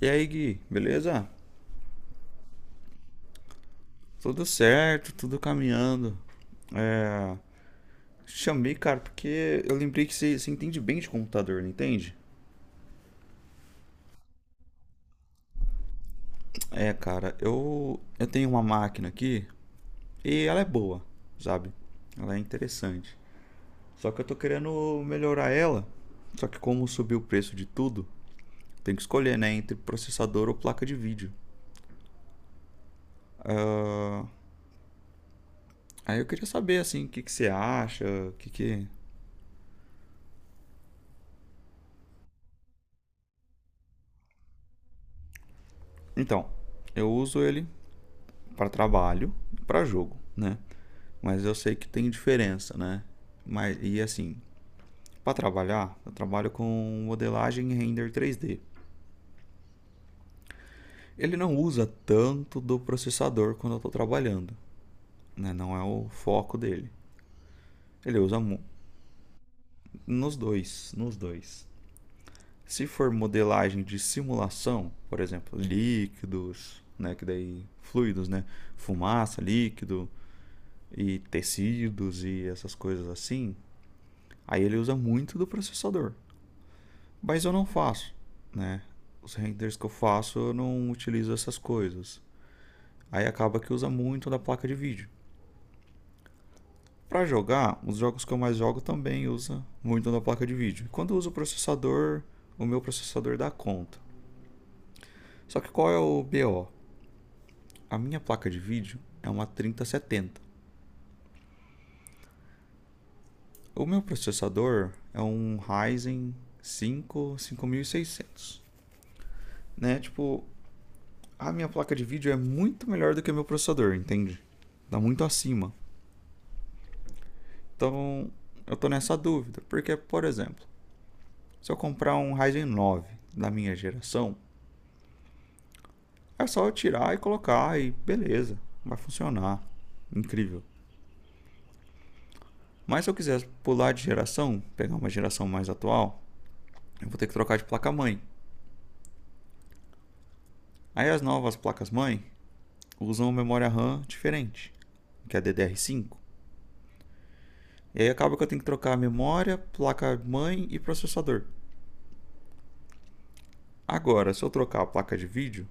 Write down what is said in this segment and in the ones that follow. E aí, Gui, beleza? Tudo certo, tudo caminhando. É, Chamei, cara, porque eu lembrei que você entende bem de computador, não entende? É, cara, eu tenho uma máquina aqui e ela é boa, sabe? Ela é interessante. Só que eu tô querendo melhorar ela. Só que como subiu o preço de tudo, tem que escolher, né, entre processador ou placa de vídeo. Aí eu queria saber, assim, o que que você acha, o que que. Então, eu uso ele para trabalho e para jogo, né? Mas eu sei que tem diferença, né? Mas, e assim, para trabalhar, eu trabalho com modelagem e render 3D. Ele não usa tanto do processador quando eu estou trabalhando, né? Não é o foco dele. Ele usa nos dois. Se for modelagem de simulação, por exemplo, líquidos, né, que daí fluidos, né, fumaça, líquido e tecidos e essas coisas assim, aí ele usa muito do processador. Mas eu não faço, né? Os renders que eu faço, eu não utilizo essas coisas. Aí acaba que usa muito da placa de vídeo. Para jogar, os jogos que eu mais jogo também usa muito da placa de vídeo. Quando eu uso o processador, o meu processador dá conta. Só que qual é o BO? A minha placa de vídeo é uma 3070. O meu processador é um Ryzen 5 5600, né? Tipo, a minha placa de vídeo é muito melhor do que o meu processador, entende? Tá muito acima. Então, eu tô nessa dúvida, porque, por exemplo, se eu comprar um Ryzen nove da minha geração, é só eu tirar e colocar e beleza, vai funcionar. Incrível. Mas se eu quiser pular de geração, pegar uma geração mais atual, eu vou ter que trocar de placa-mãe. Aí as novas placas-mãe usam memória RAM diferente, que é ddr cinco. E aí acaba que eu tenho que trocar a memória, placa-mãe e processador. Agora, se eu trocar a placa de vídeo,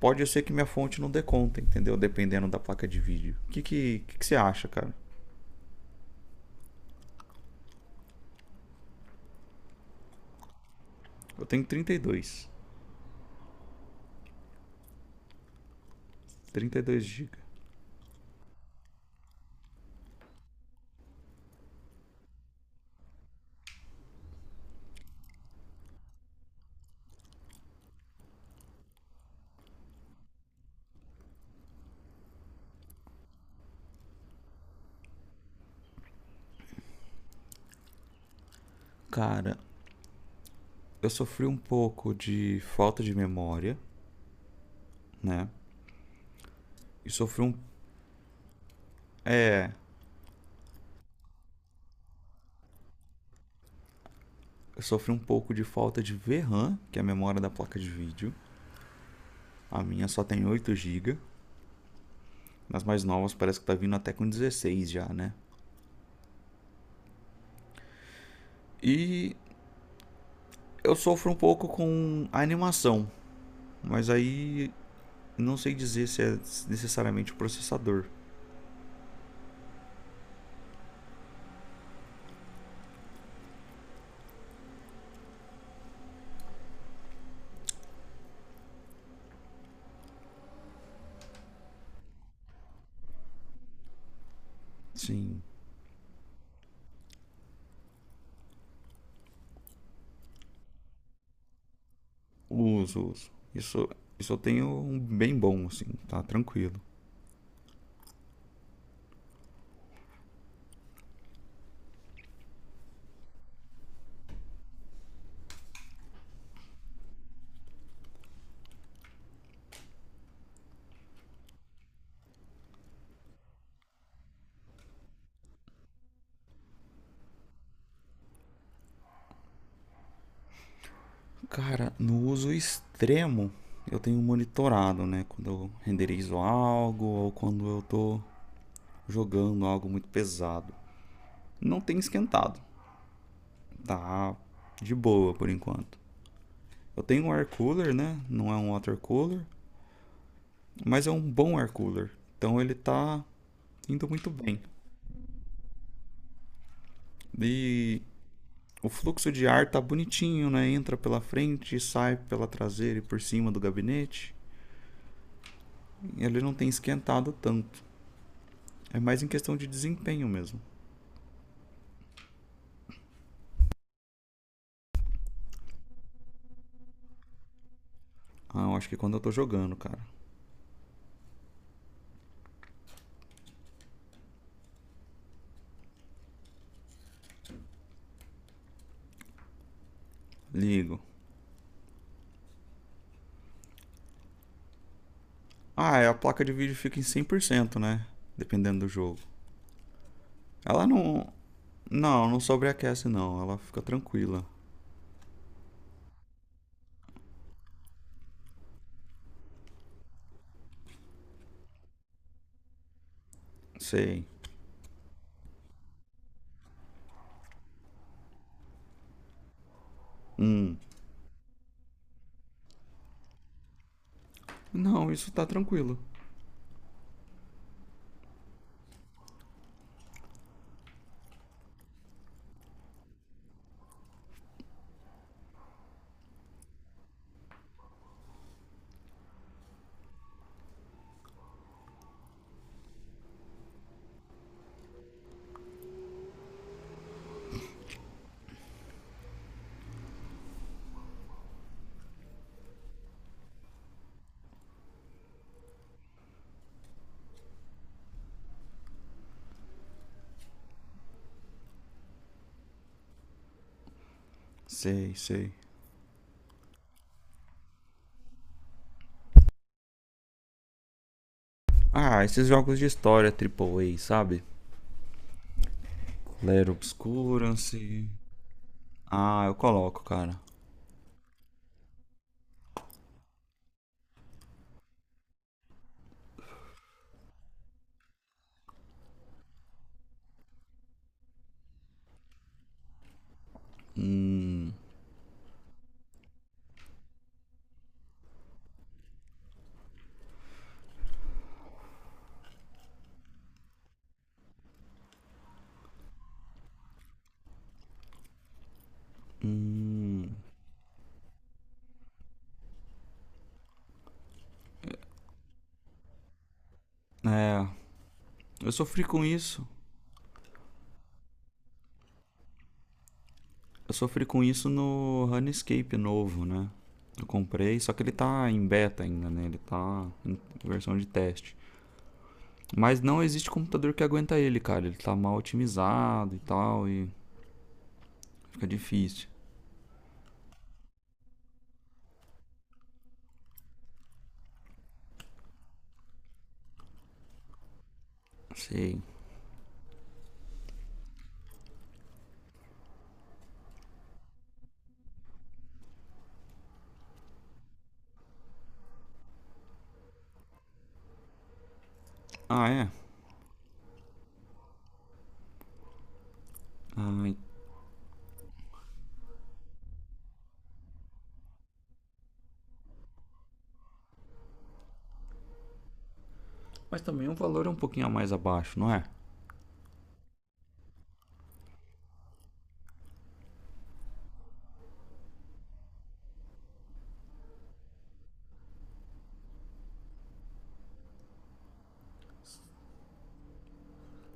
pode ser que minha fonte não dê conta, entendeu? Dependendo da placa de vídeo. O que você acha, cara? Eu tenho 32. 32 GB. Cara, eu sofri um pouco de falta de memória, né? E sofri um. É. Eu sofri um pouco de falta de VRAM, que é a memória da placa de vídeo. A minha só tem 8 GB. Nas mais novas parece que tá vindo até com 16 já, né? E eu sofro um pouco com a animação. Mas aí não sei dizer se é necessariamente o processador. Sim, uso. Isso, isso eu tenho um bem bom, assim, tá tranquilo. Cara, no uso extremo, eu tenho monitorado, né? Quando eu renderizo algo ou quando eu tô jogando algo muito pesado. Não tem esquentado, tá de boa por enquanto. Eu tenho um air cooler, né? Não é um water cooler, mas é um bom air cooler. Então ele tá indo muito bem. E o fluxo de ar tá bonitinho, né? Entra pela frente e sai pela traseira e por cima do gabinete. Ele não tem esquentado tanto. É mais em questão de desempenho mesmo. Ah, eu acho que é quando eu tô jogando, cara. Ligo. Ah, é, a placa de vídeo fica em 100%, né? Dependendo do jogo. Ela não. Não, não sobreaquece, não. Ela fica tranquila. Sei. Não, isso tá tranquilo. Sei, sei. Ah, esses jogos de história triplo A, sabe? Lair Obscurance. Ah, eu coloco, cara. É, eu sofri com isso. Eu sofri com isso no Runescape novo, né? Eu comprei, só que ele tá em beta ainda, né? Ele tá em versão de teste. Mas não existe computador que aguenta ele, cara. Ele tá mal otimizado e tal, e fica difícil. Sei. Ah, é? Ai, mas também o valor é um pouquinho a mais abaixo, não é?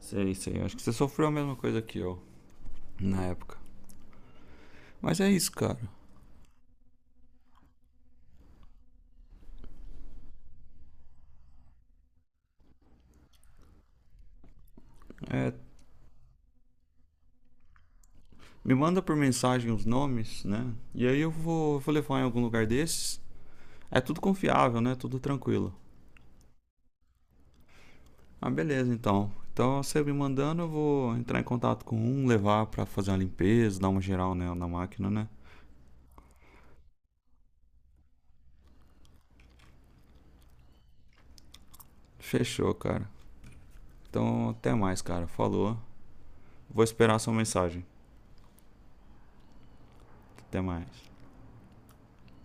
Sei, sei. Acho que você sofreu a mesma coisa que eu na época. Mas é isso, cara. É, me manda por mensagem os nomes, né? E aí eu vou, vou levar em algum lugar desses. É tudo confiável, né? Tudo tranquilo. Ah, beleza, então. Então você me mandando, eu vou entrar em contato com um, levar pra fazer uma limpeza, dar uma geral né, na máquina, né? Fechou, cara. Então até mais, cara. Falou. Vou esperar a sua mensagem. Até mais.